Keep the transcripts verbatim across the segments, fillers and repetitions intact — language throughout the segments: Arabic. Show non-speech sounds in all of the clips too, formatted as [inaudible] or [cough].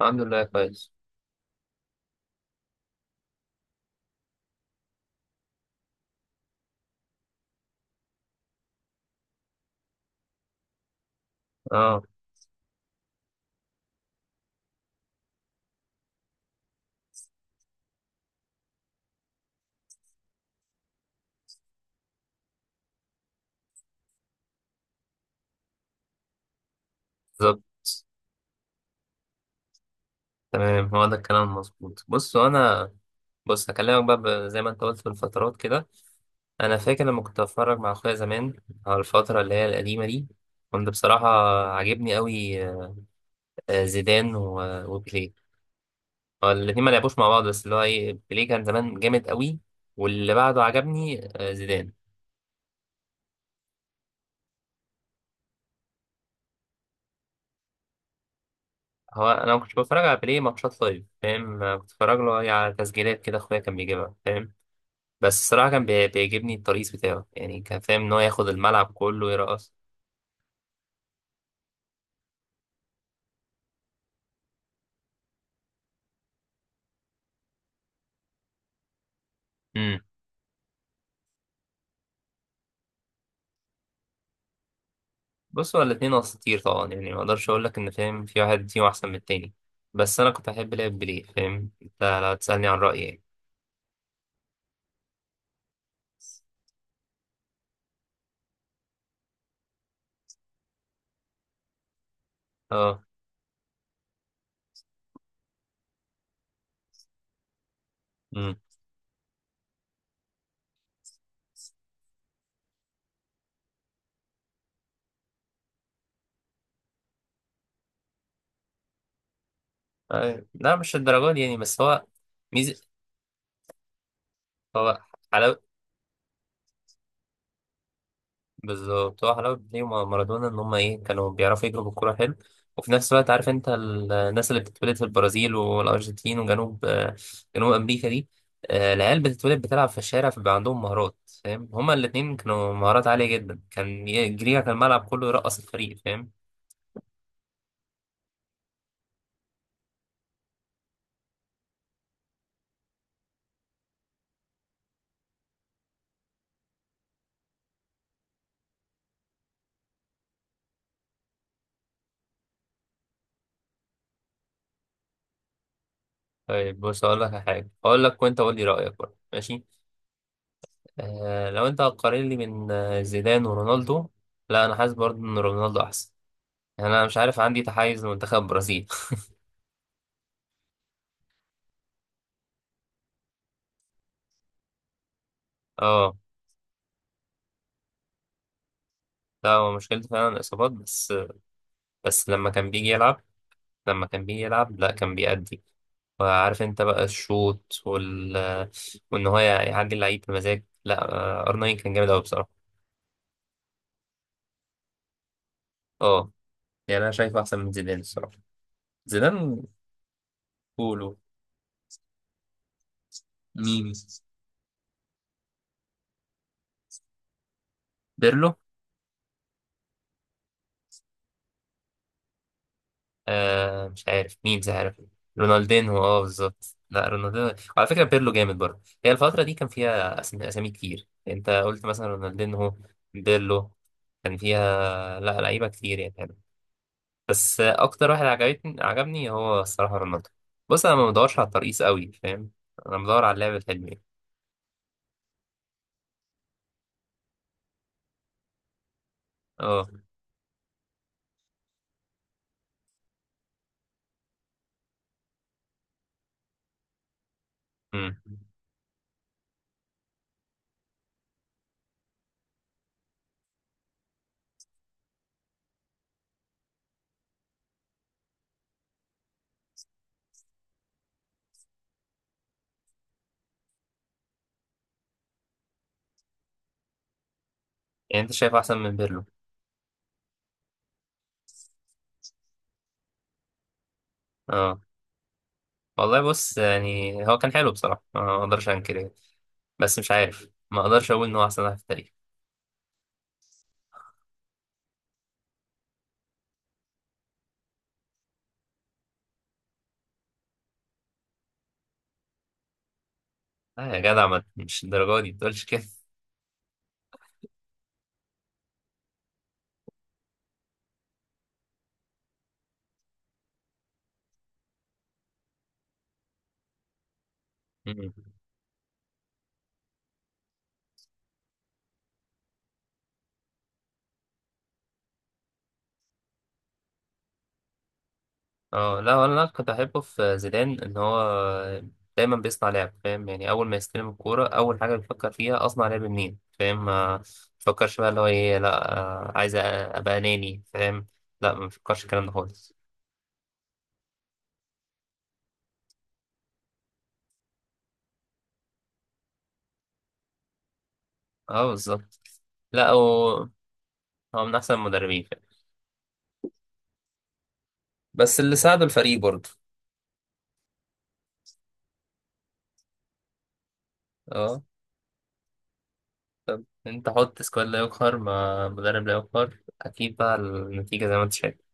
الحمد لله كويس. اه، بالظبط. تمام، هو ده الكلام المظبوط. بص انا، بص هكلمك بقى ب- زي ما انت قلت في الفترات كده. انا فاكر لما كنت بتفرج مع اخويا زمان على الفتره اللي هي القديمه دي، كنت بصراحه عاجبني قوي. آه، زيدان و- وبيليه، هو الاتنين ما لعبوش مع بعض، بس اللي هو ايه، بيليه كان زمان جامد قوي، واللي بعده عجبني آه، زيدان. هو انا ما كنتش بتفرج على بيليه ماتشات لايف، فاهم؟ كنت بتفرج له إيه، على تسجيلات كده، اخويا كان بيجيبها، فاهم. بس الصراحة كان بي- بيعجبني الترقيص بتاعه، يعني كان فاهم إن هو ياخد الملعب كله يرقص. امم بص، هو الاتنين أساطير طبعا، يعني ما أقدرش أقول لك إن فاهم في واحد فيهم أحسن من التاني، بس أنا كنت أحب لعب بيليه، فاهم؟ أنت لو تسألني عن رأيي يعني. أه. امم أي- لا، مش الدرجات دي يعني، بس هو ميزة، هو حلاوة. بالظبط، هو حلاوة بيليه ومارادونا إن هما إيه، كانوا بيعرفوا يجروا بالكورة حلو. وفي نفس الوقت عارف أنت، ال- الناس اللي بتتولد في البرازيل والأرجنتين وجنوب آه، جنوب أمريكا دي، آه، العيال بتتولد بتلعب في الشارع، فبيبقى عندهم مهارات، فاهم؟ هما الاتنين كانوا مهارات عالية جدا، كان ي- جريها كان الملعب كله يرقص الفريق، فاهم. طيب بص، أقول لك على حاجة، أقول لك وأنت قول لي رأيك برضه، ماشي؟ آه، لو أنت هتقارن لي بين آه، زيدان ورونالدو، لا أنا حاسس برضه إن رونالدو أحسن، يعني أنا مش عارف، عندي تحيز لمنتخب البرازيل. [laughs] اه. لا، هو مشكلته فعلا الإصابات، بس بس لما كان بيجي يلعب، لما كان بيجي يلعب لا كان بيأدي. وعارف انت بقى الشوط وال وان هو يعدي اللعيب بمزاج، لا آه، ار ناين كان جامد قوي بصراحة. اه، يعني انا شايفه احسن من زيدان الصراحة. زيدان كولو. مين؟ بيرلو؟ آه، مش عارف مين، مش عارف. رونالدينهو، اه بالظبط، لا رونالدينهو على فكرة. بيرلو جامد برضه، هي الفترة دي كان فيها أسم- أسامي كتير، أنت قلت مثلا رونالدينهو، بيرلو، كان فيها، لا لعيبة كتير يعني. بس أكتر واحد عجبتني عجبني هو الصراحة رونالدو. بص أنا ما بدورش على الترقيص قوي، فاهم؟ أنا بدور على اللعب الحلمي. اه. أمم. يعني أنت شايف أحسن من بيرلو؟ اه. والله بص، يعني هو كان حلو بصراحة، أنا ما أقدرش أنكر يعني. بس مش عارف، ما أقدرش أقول إن هو أحسن واحد في التاريخ. لا يا جدع، ما- مش الدرجة دي بتقولش كده. مم. اه، لا، ولا كنت أحبه في زيدان إن هو دايما بيصنع لعب، فاهم؟ يعني أول ما يستلم الكورة أول حاجة بيفكر فيها، أصنع لعب منين، فاهم. ما بيفكرش بقى اللي هو إيه، لا آه، عايز أ- أبقى أناني، فاهم؟ لا ما بيفكرش الكلام ده خالص. اه بالظبط. لا هو هو من أحسن المدربين، فاهم؟ بس اللي ساعده الفريق برضه. اه. أنت حط سكواد لا يقهر مع مدرب لا يقهر، أكيد بقى النتيجة زي ما أنت شايف.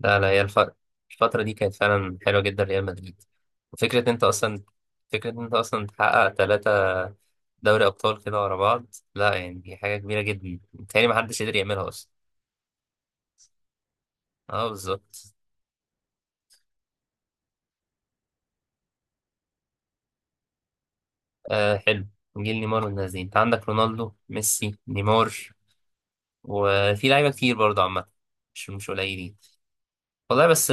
لا لا، هي الف... الفترة دي كانت فعلا حلوة جدا، ريال مدريد. وفكرة انت اصلا فكرة انت اصلا تحقق ثلاثة دوري ابطال كده ورا بعض، لا يعني دي حاجة كبيرة جدا، متهيألي محدش قدر يعملها اصلا. اه بالظبط. آه، حلو. جيل نيمار والناس دي، انت عندك رونالدو، ميسي، نيمار، وفي لعيبة كتير برضه عامة، مش مش قليلين. والله بس،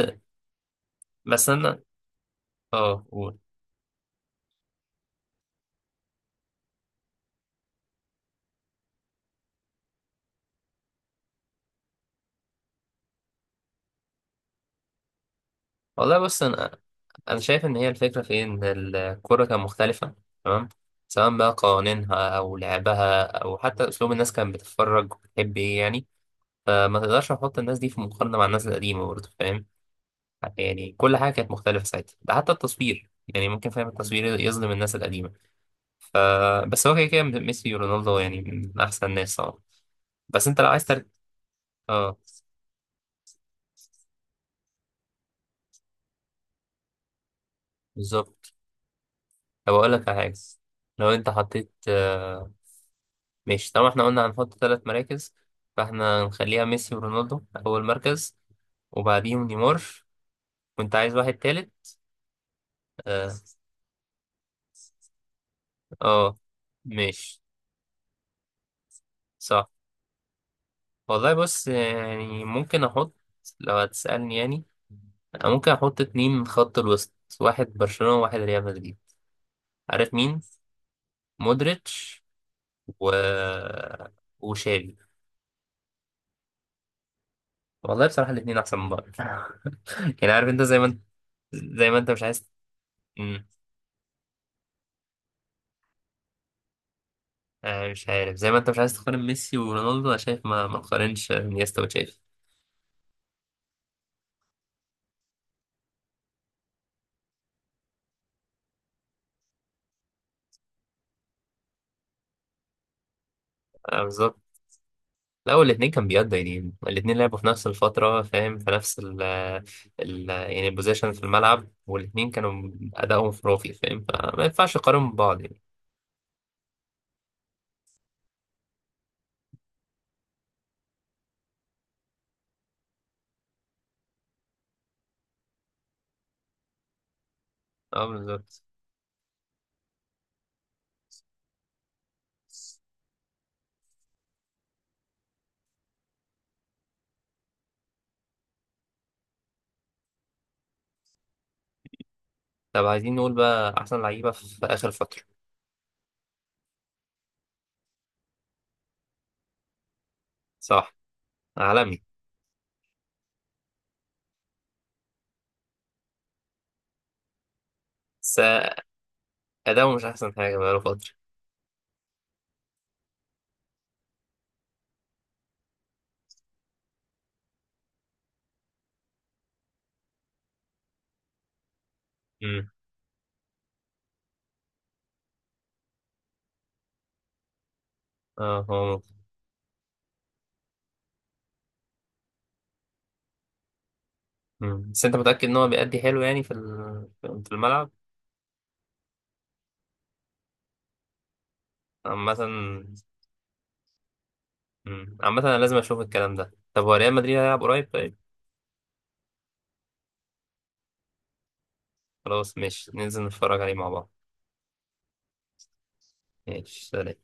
بس انا. اه قول. والله بص انا، انا شايف ان هي الفكره في إيه؟ ان الكوره كان مختلفه، تمام؟ سواء بقى قوانينها او لعبها او حتى اسلوب الناس كانت بتتفرج وبتحب ايه يعني. فما تقدرش تحط الناس دي في مقارنه مع الناس القديمه برضه، فاهم؟ يعني كل حاجه كانت مختلفه ساعتها، ده حتى التصوير يعني ممكن، فاهم، التصوير يظلم الناس القديمة. ف بس هو كده كده ميسي ورونالدو يعني من أحسن الناس طبعا، بس أنت لو عايز ترجع. اه بالظبط. طب أقول لك على حاجة، لو أنت حطيت آه، ماشي، طبعا احنا قلنا هنحط ثلاث مراكز، فاحنا هنخليها ميسي ورونالدو أول مركز، وبعديهم نيمار، وأنت عايز واحد تالت. اه. آه، ماشي. صح. والله بص يعني ممكن أحط، لو هتسألني يعني، أنا ممكن أحط اتنين من خط الوسط، واحد برشلونة وواحد ريال مدريد. عارف مين؟ مودريتش، و وشافي. والله بصراحة الاتنين أحسن من بعض. [laughs] يعني عارف أنت زي ما أنت، زي ما أنت مش عايز. آه، مش عارف، زي ما انت مش عايز تقارن ميسي ورونالدو، انا شايف ما ما تقارنش انيستا وتشافي. آه، بالظبط. لا الاثنين كان بيقضوا يعني، الاثنين لعبوا في نفس الفترة، فاهم؟ في نفس ال ال يعني البوزيشن في الملعب، والاثنين كانوا ادائهم خرافي، فاهم؟ فما ينفعش تقارن ببعض يعني. اه بالظبط. طب عايزين نقول بقى احسن لعيبة في اخر فترة. صح. عالمي. بس اداؤه مش احسن حاجة بقاله فترة. امم. اه، هو ممكن. مم. بس انت متأكد ان هو بيأدي حلو يعني في ال- في الملعب مثلا؟ مم. عامة أنا لازم أشوف الكلام ده. طب هو ريال مدريد هيلعب قريب؟ طيب. خلاص ماشي، ننزل نتفرج عليه مع بعض. ماشي، سلام.